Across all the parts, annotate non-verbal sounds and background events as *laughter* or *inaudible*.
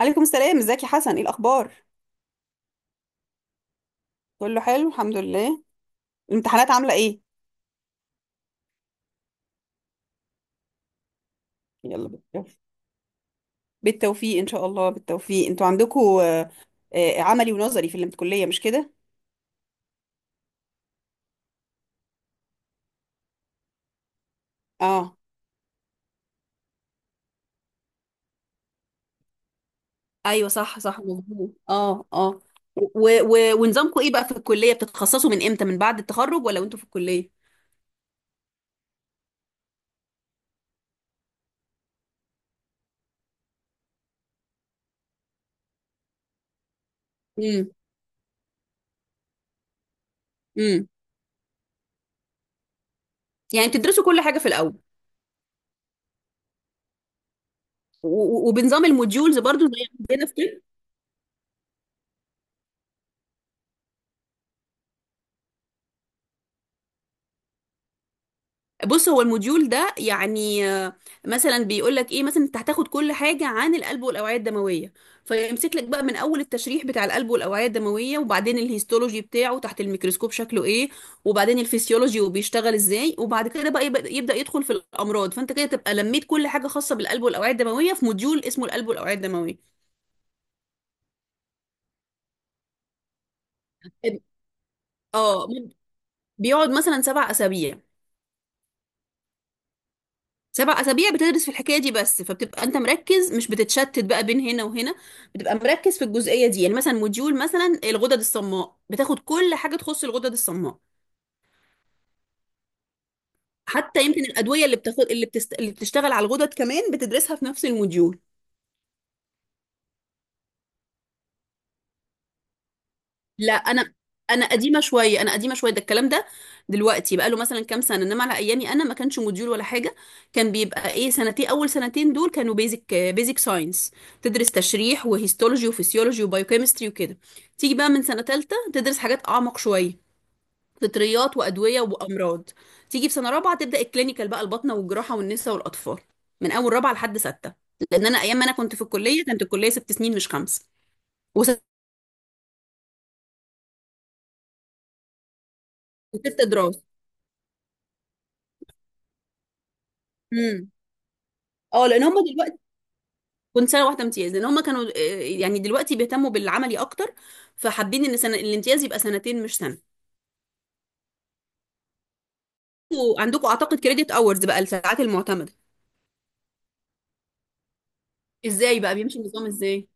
عليكم السلام، ازيك يا حسن؟ ايه الاخبار؟ كله حلو الحمد لله. الامتحانات عامله ايه؟ يلا بالتوفيق. بالتوفيق ان شاء الله. بالتوفيق. انتوا عندكم عملي ونظري في الكليه، مش كده؟ اه. ايوه صح صح مظبوط. اه اه. و و ونظامكم ايه بقى في الكليه؟ بتتخصصوا من امتى؟ من بعد التخرج ولا وانتوا في الكليه؟ امم. امم. يعني بتدرسوا كل حاجه في الاول. و- و- وبنظام الموديولز برضو زي عندنا في طب؟ بص، هو الموديول ده يعني مثلا بيقول لك ايه؟ مثلا انت هتاخد كل حاجه عن القلب والاوعيه الدمويه، فيمسك لك بقى من اول التشريح بتاع القلب والاوعيه الدمويه، وبعدين الهيستولوجي بتاعه تحت الميكروسكوب شكله ايه، وبعدين الفسيولوجي وبيشتغل ازاي، وبعد كده بقى يبدا يدخل في الامراض. فانت كده تبقى لميت كل حاجه خاصه بالقلب والاوعيه الدمويه في موديول اسمه القلب والاوعيه الدمويه. اه بيقعد مثلا سبع اسابيع. سبع أسابيع بتدرس في الحكاية دي بس، فبتبقى أنت مركز، مش بتتشتت بقى بين هنا وهنا. بتبقى مركز في الجزئية دي. يعني مثلا موديول مثلا الغدد الصماء بتاخد كل حاجة تخص الغدد الصماء. حتى يمكن الأدوية اللي بتاخد، اللي بتشتغل على الغدد كمان بتدرسها في نفس الموديول. لا، انا قديمه شويه، ده الكلام ده. دلوقتي بقى له مثلا كام سنه، انما على ايامي انا ما كانش موديول ولا حاجه. كان بيبقى ايه، سنتين، اول سنتين دول كانوا بيزك ساينس. تدرس تشريح وهيستولوجي وفسيولوجي وبايوكيمستري وكده. تيجي بقى من سنه ثالثه تدرس حاجات اعمق شويه، فطريات وادويه وامراض. تيجي في سنه رابعه تبدا الكلينيكال بقى، الباطنه والجراحه والنساء والاطفال، من اول رابعه لحد سته. لان انا ايام ما انا كنت في الكليه كانت الكليه ست سنين مش خمس. وست. دراسه. امم. اه لان هم دلوقتي، كنت سنه واحده امتياز لان هم كانوا يعني دلوقتي بيهتموا بالعملي اكتر، فحابين ان سنة الامتياز يبقى سنتين مش سنه. وعندكم اعتقد كريدت اورز بقى، الساعات المعتمده. ازاي بقى بيمشي النظام ازاي؟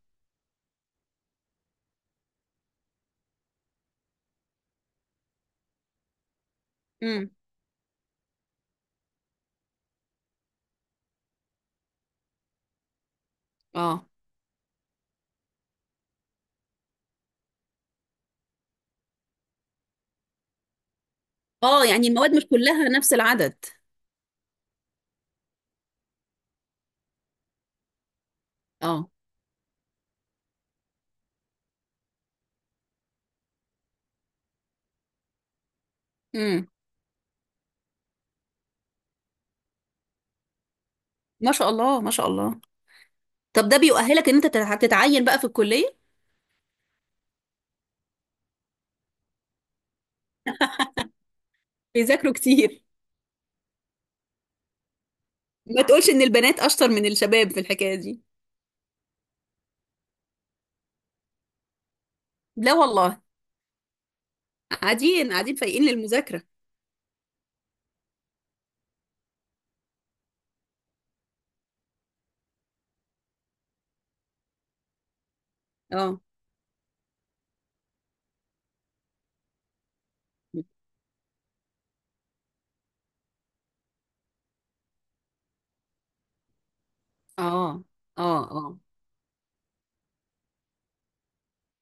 امم. اه. اه يعني المواد مش كلها نفس العدد. اه. امم. ما شاء الله ما شاء الله. طب ده بيؤهلك ان انت تتعين بقى في الكليه؟ بيذاكروا كتير. ما تقولش ان البنات اشطر من الشباب في الحكايه دي. لا والله. قاعدين قاعدين فايقين للمذاكره. اه. اه. اه. اه.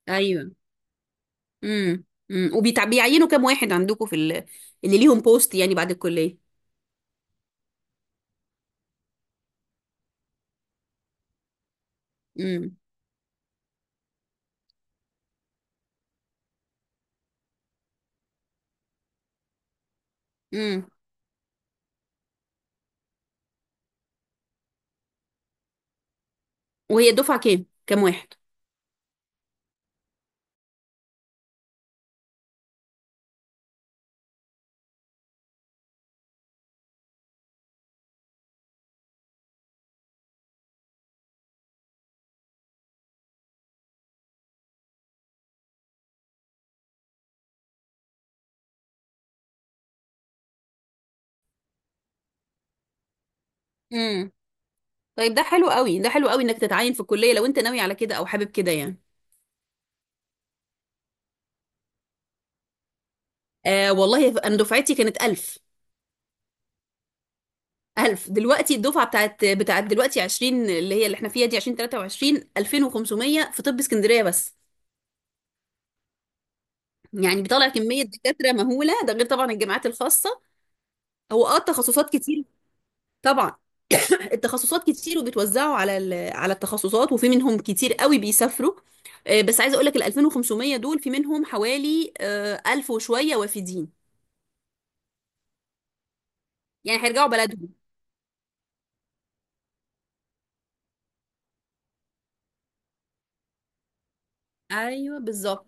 ايوه. امم. امم. وبيعينوا كام واحد عندكم في ال... اللي ليهم بوست يعني بعد الكلية؟ امم. امم. وهي الدفعة كام؟ كام واحد؟ امم. طيب ده حلو قوي، ده حلو قوي انك تتعين في الكلية لو انت ناوي على كده او حابب كده يعني. آه والله انا دفعتي كانت 1000. 1000. دلوقتي الدفعة بتاعت دلوقتي 20، اللي هي اللي احنا فيها دي، 2023، 2500 في طب اسكندرية بس. يعني بيطلع كمية دكاترة مهولة، ده غير طبعا الجامعات الخاصة. هو اه تخصصات كتير. طبعا. التخصصات كتير وبتوزعوا على على التخصصات، وفي منهم كتير قوي بيسافروا. بس عايزه اقول لك ال 2500 دول في منهم حوالي 1000 وشويه وافدين. يعني هيرجعوا بلدهم. ايوه بالظبط.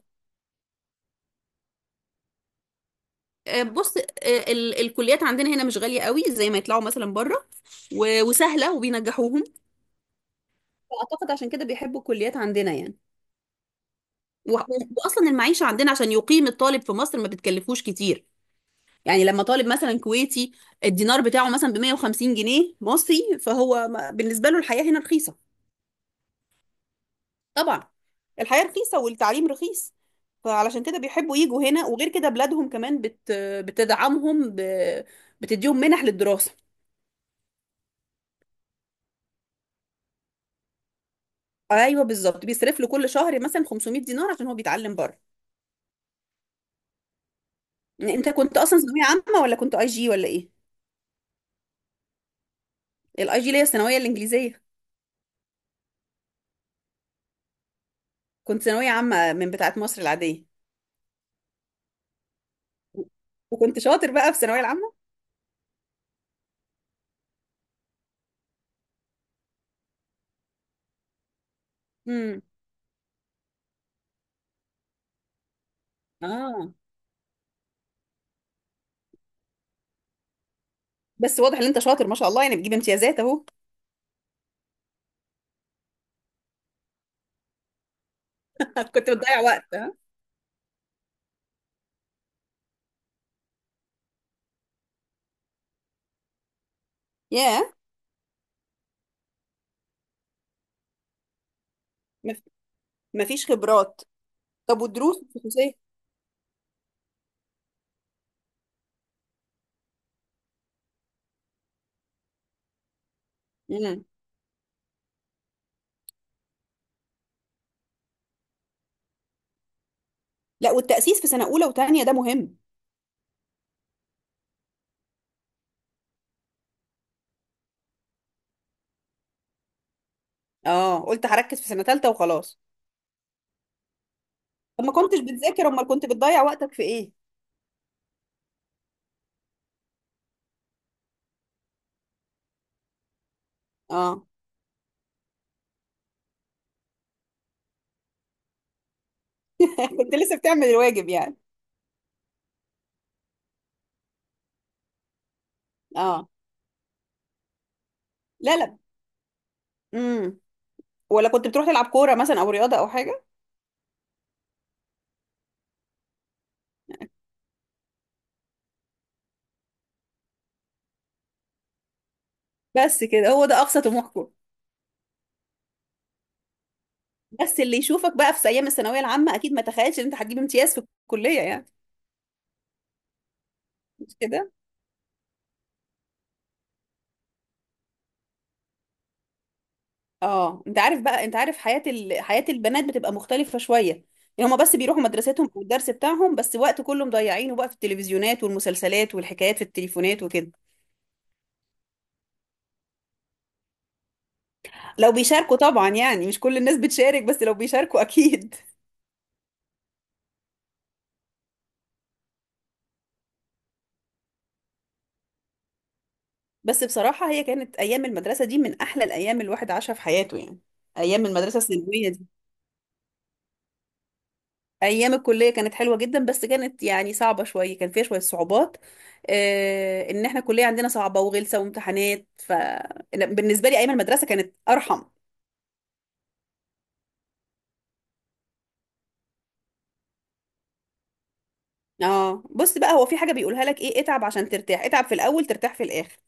بص. الكليات عندنا هنا مش غاليه قوي زي ما يطلعوا مثلا بره، وسهله، وبينجحوهم. فاعتقد عشان كده بيحبوا الكليات عندنا يعني. و- واصلا المعيشه عندنا، عشان يقيم الطالب في مصر ما بتكلفوش كتير. يعني لما طالب مثلا كويتي، الدينار بتاعه مثلا ب 150 جنيه مصري، فهو بالنسبة له الحياة هنا رخيصة. طبعا. الحياة رخيصة والتعليم رخيص، فعلشان كده بيحبوا يجوا هنا. وغير كده بلادهم كمان بتدعمهم بتديهم منح للدراسة. ايوه بالظبط، بيصرف له كل شهر مثلا 500 دينار عشان هو بيتعلم بره. يعني انت كنت اصلا ثانوية عامة ولا كنت اي جي ولا ايه؟ الاي جي اللي هي الثانوية الانجليزية. كنت ثانوية عامة من بتاعة مصر العادية. وكنت شاطر بقى في الثانوية العامة. امم. اه. بس واضح ان انت شاطر ما شاء الله، يعني بتجيب امتيازات اهو. *laughs* كنت بتضيع وقت ها. ياه. مف- مفيش خبرات. طب والدروس الخصوصيه؟ امم. لا، والتأسيس في سنة أولى وتانية ده مهم. اه قلت هركز في سنة تالتة وخلاص. طب ما كنتش بتذاكر، امال كنت بتضيع وقتك في ايه؟ اه. *laughs* كنت لسه بتعمل الواجب يعني. اه. لا لا. امم. ولا كنت بتروح تلعب كورة مثلا، او رياضة، او حاجة؟ بس كده؟ هو ده اقصى طموحكم؟ بس اللي يشوفك بقى في ايام الثانوية العامة اكيد ما تخيلش ان انت هتجيب امتياز في الكلية يعني، مش كده؟ اه انت عارف بقى، انت عارف حياة حياة البنات بتبقى مختلفة شوية. يعني هما بس بيروحوا مدرستهم او الدرس بتاعهم بس، وقت كله مضيعينه بقى في التلفزيونات والمسلسلات والحكايات في التليفونات وكده. لو بيشاركوا طبعا، يعني مش كل الناس بتشارك، بس لو بيشاركوا *laughs* اكيد. بس بصراحة، هي كانت ايام المدرسة دي من احلى الايام الواحد عاشها في حياته يعني، ايام المدرسة الثانوية دي. ايام الكليه كانت حلوه جدا، بس كانت يعني صعبه شويه، كان فيها شويه صعوبات. آه ان احنا الكليه عندنا صعبه وغلسه وامتحانات، ف لا، بالنسبه لي ايام المدرسه كانت ارحم. اه بص بقى، هو في حاجه بيقولها لك ايه، اتعب عشان ترتاح، اتعب في الاول ترتاح في الاخر.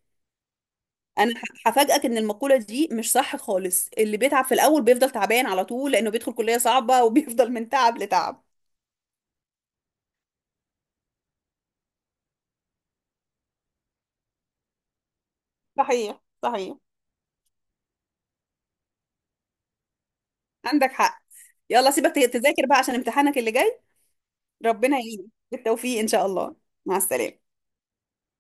انا هفاجئك ان المقوله دي مش صح خالص. اللي بيتعب في الاول بيفضل تعبان على طول، لانه بيدخل كليه صعبه *laughs* وبيفضل من تعب لتعب. صحيح صحيح. عندك حق. يلا سيبك تذاكر بقى عشان امتحانك اللي جاي. ربنا يعينك. بالتوفيق ان شاء الله. مع السلامه.